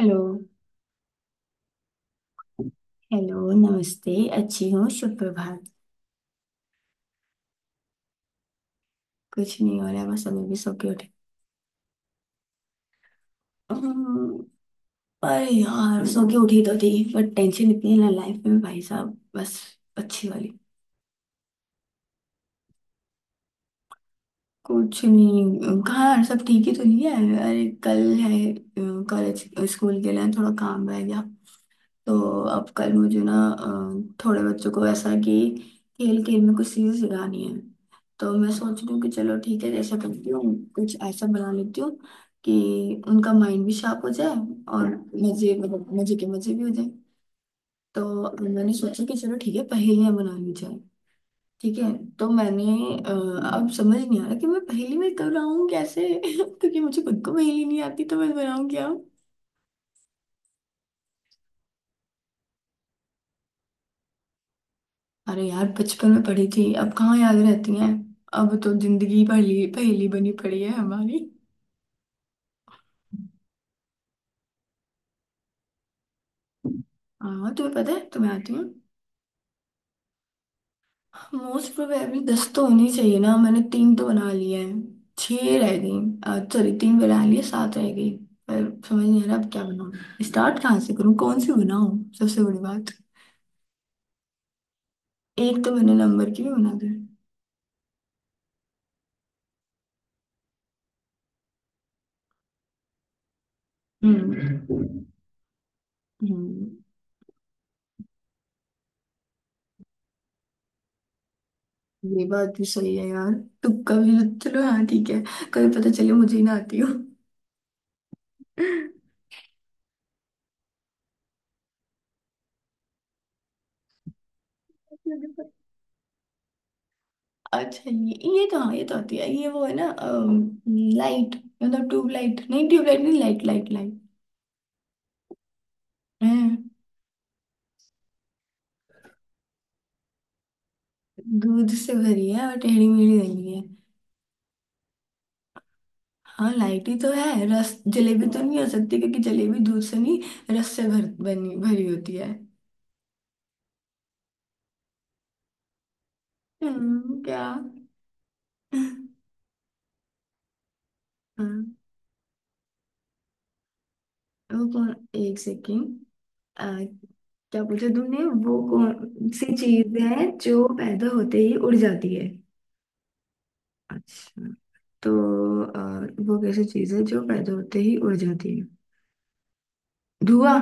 Hello. Hello, नमस्ते। अच्छी हूँ, शुभ प्रभात। कुछ नहीं हो रहा है, बस अभी भी सो के उठी। हम्म। पर यार सो के उठी तो थी, बट टेंशन इतनी है ना लाइफ में भाई साहब, बस अच्छी वाली। कुछ नहीं, कहाँ सब ठीक ही तो नहीं है। अरे कल है कॉलेज, स्कूल के लिए थोड़ा काम रह गया। तो अब कल मुझे ना थोड़े बच्चों को ऐसा कि खेल खेल में कुछ चीजें सिखानी है। तो मैं सोच रही हूँ कि चलो ठीक है जैसा करती हूँ कुछ ऐसा बना लेती हूँ कि उनका माइंड भी शार्प हो जाए, और मजे मतलब मजे के मजे भी हो जाए। तो मैंने सोचा कि चलो ठीक है पहेलियां बना ली जाए, ठीक है। तो मैंने अ, अब समझ नहीं आ रहा कि मैं पहेली में कब बनाऊँ कैसे क्योंकि मुझे खुद को पहेली नहीं आती तो मैं बनाऊँ क्या। अरे यार बचपन में पढ़ी थी, अब कहाँ याद रहती हैं। अब तो जिंदगी पहली पहेली बनी पड़ी है हमारी। हाँ तुम्हें पता है, तुम्हें आती हूँ। मोस्ट प्रोबेबली 10 तो होनी चाहिए ना, मैंने तीन तो बना लिए हैं। छह रह गई, सॉरी तीन बना लिए सात रह गई। पर समझ नहीं आ रहा अब क्या बनाऊँ, स्टार्ट कहाँ से करूँ, कौन सी बनाऊँ। सबसे बड़ी बात, एक तो मैंने नंबर की भी बना दी। हम्म। हम्म। ये बात भी सही है यार। तुक्का भी, चलो हाँ ठीक है। कभी पता चले मुझे ही ना आती हो। अच्छा, ये कहाँ, ये तो आती है ये। वो है ना लाइट, मतलब ट्यूबलाइट नहीं, ट्यूबलाइट नहीं, लाइट लाइट लाइट है। दूध से भरी है और टेढ़ी मेढ़ी नहीं है। हाँ लाइट ही तो है, रस जलेबी तो नहीं हो सकती क्योंकि जलेबी दूध से नहीं, रस से भर बनी भरी होती है। क्या। हाँ। वो कौन, एक सेकेंड, क्या पूछा तुमने, वो कौन सी चीज है जो पैदा होते ही उड़ जाती है। अच्छा, तो अ, वो कैसी चीज है जो पैदा होते ही उड़ जाती है। धुआं।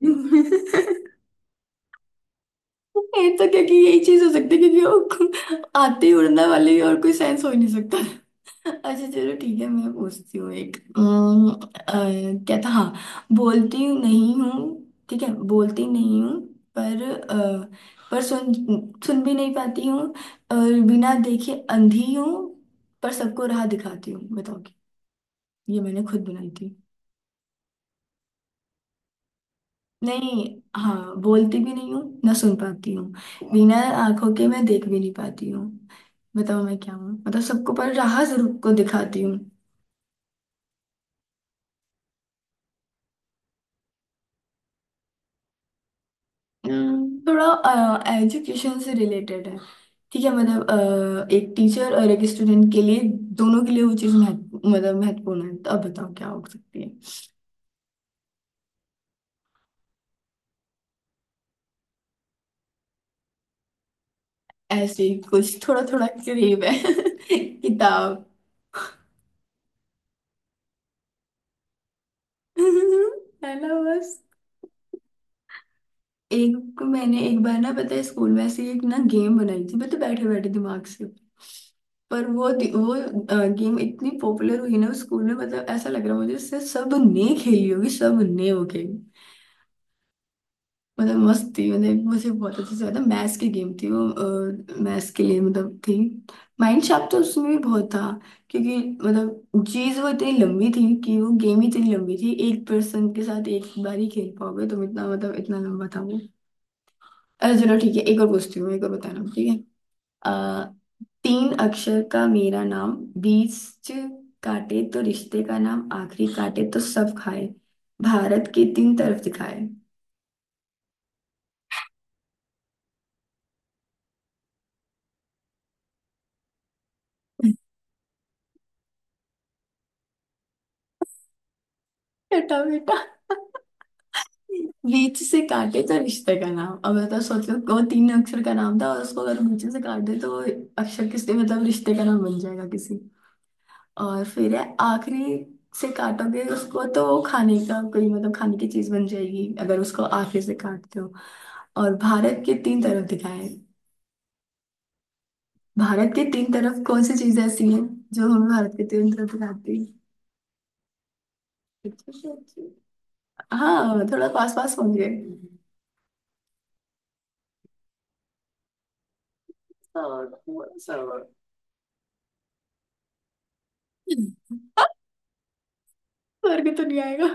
ये तो क्योंकि यही चीज हो सकती है क्योंकि वो आते ही उड़ने वाली और कोई सेंस हो ही नहीं सकता। अच्छा चलो ठीक है, मैं पूछती हूँ एक। क्या था, हाँ। बोलती नहीं हूँ, ठीक है बोलती नहीं हूँ, पर पर सुन, सुन भी नहीं पाती हूँ, और बिना देखे अंधी हूँ, पर सबको राह दिखाती हूँ, बताओ क्या? ये मैंने खुद बनाई। नहीं, हाँ बोलती भी नहीं हूँ ना सुन पाती हूँ, बिना आंखों के मैं देख भी नहीं पाती हूँ, बताओ मैं क्या हूँ, मतलब सबको पर राह जरूर को दिखाती हूँ। थोड़ा एजुकेशन से रिलेटेड है, ठीक है मतलब एक टीचर और एक स्टूडेंट के लिए दोनों के लिए वो चीज़ महत्व मतलब महत्वपूर्ण है। तो अब बताओ क्या हो सकती है। ऐसे ही कुछ, थोड़ा थोड़ा करीब है किताब। है ना बस। एक मैंने एक बार ना पता है स्कूल में ऐसे एक ना गेम बनाई थी, मतलब बैठे बैठे दिमाग से। पर वो गेम इतनी पॉपुलर हुई ना उस स्कूल में, मतलब ऐसा लग रहा मुझे इससे सबने खेली होगी, सबने वो गेम। मतलब मस्त थी, मतलब मुझे बहुत अच्छे से याद है, मैथ्स की गेम थी वो, मैथ्स के लिए मतलब थी। माइंड शार्प तो उसमें भी बहुत था, क्योंकि मतलब चीज़ वो इतनी लंबी थी कि वो गेम ही इतनी लंबी थी, एक पर्सन के साथ एक बार ही खेल पाओगे तुम, इतना मतलब इतना लंबा था वो। अरे चलो ठीक है, एक और पूछती हूँ, एक और बताना ठीक है। आ, तीन अक्षर का मेरा नाम, बीच काटे तो रिश्ते का नाम, आखिरी काटे तो सब खाए, भारत के तीन तरफ दिखाए। बेटा बेटा, बीच से काटे तो रिश्ते का नाम, अब बताओ सोचो, वो तीन अक्षर का नाम था और उसको अगर बीच से काट दे तो वो अक्षर किसके मतलब रिश्ते का नाम बन जाएगा किसी। और फिर है आखिरी से काटोगे उसको तो वो खाने का कोई मतलब खाने की चीज बन जाएगी, अगर उसको आखिर से काटते हो। और भारत के तीन तरफ दिखाए हैं। भारत के तीन तरफ कौन सी चीज ऐसी है जो हम भारत के तीन तरफ दिखाती है, अच्छे से अच्छे। हाँ थोड़ा पास पास पहुंच गए, और थोड़ा सा और। और के तो नहीं आएगा।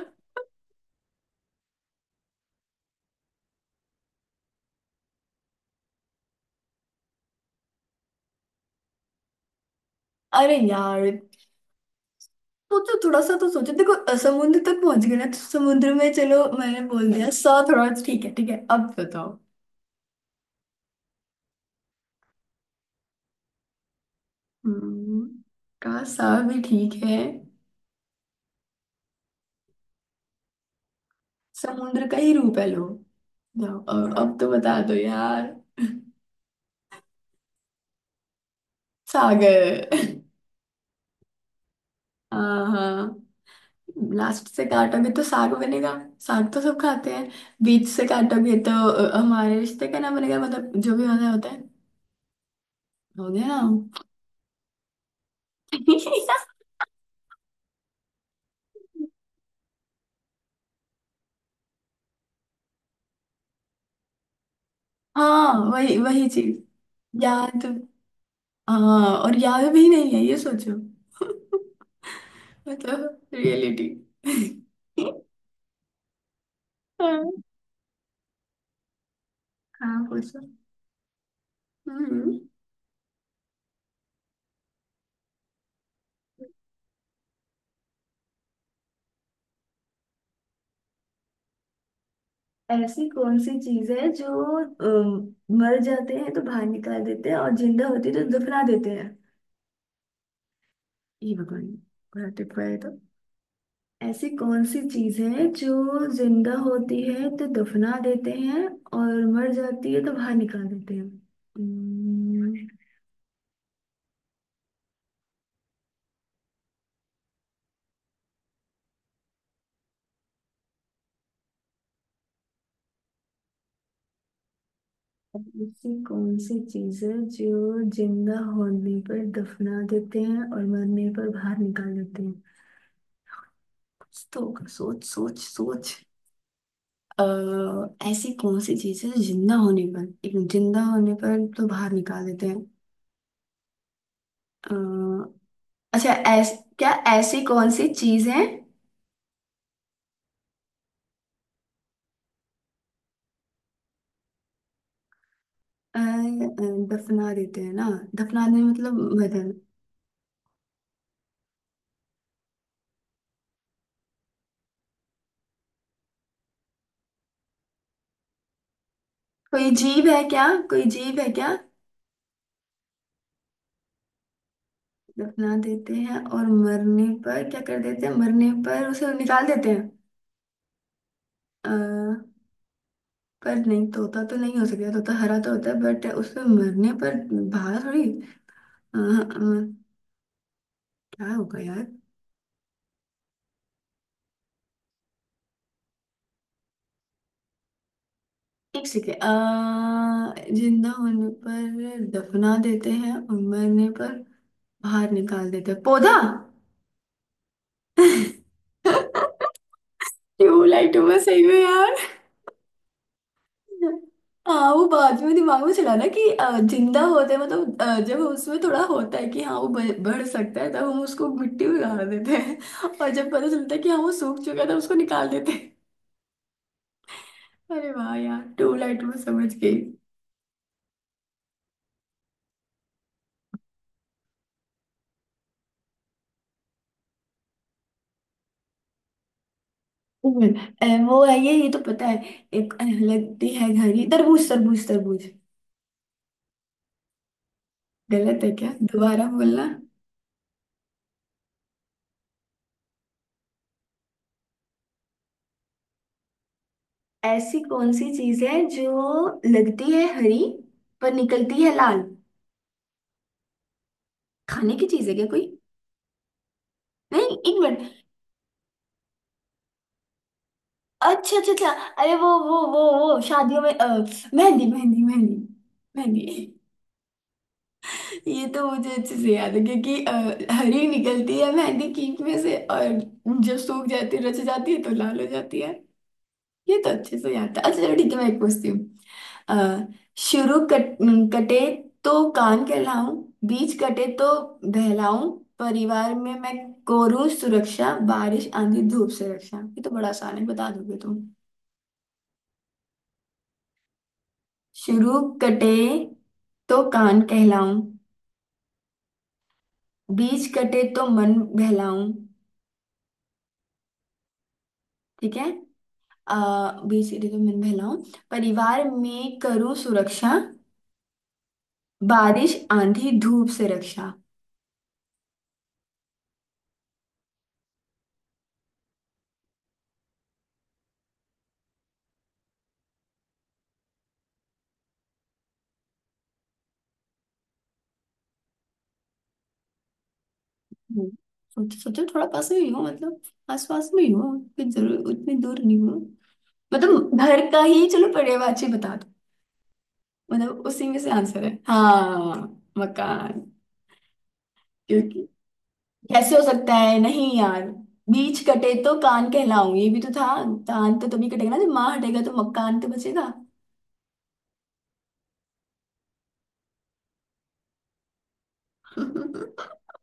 अरे यार, तो थोड़ा सा तो सोचो, देखो समुद्र तक पहुंच गए ना, तो समुद्र में चलो मैंने बोल दिया सा, थोड़ा ठीक है, ठीक है अब बताओ। हम्म। का, सा भी ठीक है, समुद्र का ही रूप है, लो जाओ अब तो बता दो यार। सागर। हाँ हाँ, लास्ट से काटोगे तो साग बनेगा, साग तो सब खाते हैं। बीच से काटोगे तो हमारे रिश्ते का ना बनेगा, मतलब जो भी मजा होता है, हो गया ना। हाँ, वही वही चीज, याद। हाँ और याद भी नहीं है ये सोचो। मतलब रियलिटी। हाँ। हाँ पूछो। हम्म। ऐसी कौन सी चीज है जो अम, मर जाते हैं तो बाहर निकाल देते हैं और जिंदा होती है तो दफना देते हैं। ये भगवान, ग्रैटिफाई तो, ऐसी कौन सी चीज है जो जिंदा होती है तो दफना देते हैं और मर जाती है तो बाहर निकाल देते हैं। Hmm। ऐसी कौन सी चीज है जो जिंदा होने पर दफना देते हैं और मरने पर बाहर निकाल देते हैं, कुछ तो होगा, सोच सोच सोच। अः ऐसी कौन सी चीज है जो जिंदा होने पर, एक मिनट, जिंदा होने पर तो बाहर निकाल देते हैं। अ, अच्छा, क्या, ऐसी कौन सी चीज है, अ, अ, दफना देते हैं ना, दफनाने मतलब मदन। कोई जीव है क्या, कोई जीव है क्या। दफना देते हैं और मरने पर क्या कर देते हैं, मरने पर उसे निकाल देते हैं। अ, पर नहीं तोता तो नहीं हो सकता, तोता हरा तो होता है, बट उसमें मरने पर बाहर थोड़ी, अ, अ, क्या होगा यार। एक सेकेंड, जिंदा होने पर दफना देते हैं और मरने पर बाहर निकाल देते हैं, पौधा। ट्यूबलाइटों में सही में यार। हाँ वो बाद में दिमाग में चला ना कि जिंदा होते मतलब जब उसमें थोड़ा होता है कि हाँ वो बढ़ बढ़ सकता है तब हम उसको मिट्टी में गाड़ देते हैं। और जब पता चलता है कि हाँ वो सूख चुका है तब उसको निकाल देते हैं। अरे वाह यार, ट्यूबलाइट में समझ गई। हम्म। वो है ये तो पता है, एक लगती है घड़ी, तरबूज तरबूज तरबूज। गलत है क्या, दोबारा बोलना। ऐसी कौन सी चीज है जो लगती है हरी पर निकलती है लाल। खाने की चीज है क्या कोई, नहीं एक मिनट। अच्छा अच्छा अच्छा, अरे वो शादियों में मेहंदी मेहंदी मेहंदी। मेहंदी, ये तो मुझे अच्छे से याद है क्योंकि हरी निकलती है मेहंदी कीक में से, और जब सूख जाती है रच जाती है तो लाल हो जाती है। ये तो अच्छे से याद था। अच्छा चलो ठीक है, मैं एक पूछती हूँ। अ, शुरू कट, कटे तो कान कहलाऊं, बीच कटे तो बहलाऊं, परिवार में मैं कोरूं सुरक्षा, बारिश आंधी धूप से रक्षा, ये तो बड़ा आसान है बता दोगे तुम। शुरू कटे तो कान कहलाऊं, बीच कटे तो मन बहलाऊं, ठीक है। आ, बीच कटे तो मन बहलाऊं, परिवार में करूं सुरक्षा, बारिश आंधी धूप से रक्षा। हम्म। सोचो सोचो, थोड़ा पास में ही हो, मतलब आस पास में ही हो, उतनी जरूर उतनी दूर नहीं हो। मतलब घर का ही चलो पर्यायवाची बता दो, मतलब उसी में से आंसर है हाँ। मकान। क्योंकि, कैसे हो सकता है नहीं यार, बीच कटे तो कान कहलाऊं ये भी तो था, कान तो तभी कटेगा ना जब माँ हटेगा तो मकान तो बचेगा।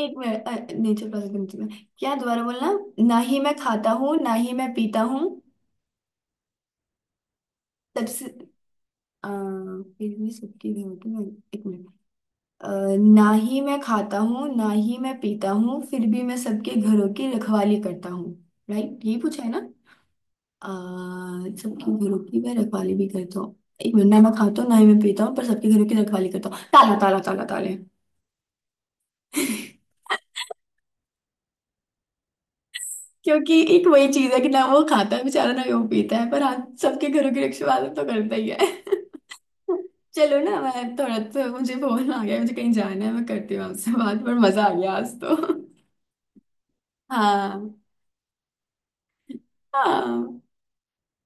एक मिनट, नहीं चलो पास में। नहीं। क्या, दोबारा बोलना। ना ही मैं खाता हूँ ना ही मैं पीता हूँ, सबसे, फिर भी सबकी नहीं होती मैं, एक मिनट। अ, ना ही मैं खाता हूँ ना ही मैं पीता हूँ फिर भी मैं सबके घरों की रखवाली करता हूँ, राइट यही पूछा है ना। अ, सबके घरों की मैं रखवाली भी करता हूँ, एक मिनट, ना मैं खाता हूँ ना ही मैं पीता हूँ पर सबके घरों की रखवाली करता हूँ, ताला ताला ताला ताले। क्योंकि एक वही चीज है कि ना वो खाता है बेचारा ना वो पीता है, पर हाँ सबके घरों की रखवाली तो करता ही है। चलो ना मैं थोड़ा, तो मुझे फोन आ गया, मुझे कहीं जाना है, मैं करती हूँ आपसे बात, पर मजा आ गया आज तो। हाँ। हाँ।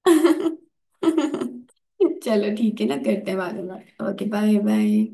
चलो ठीक है ना, करते हैं बाद में, ओके बाय बाय।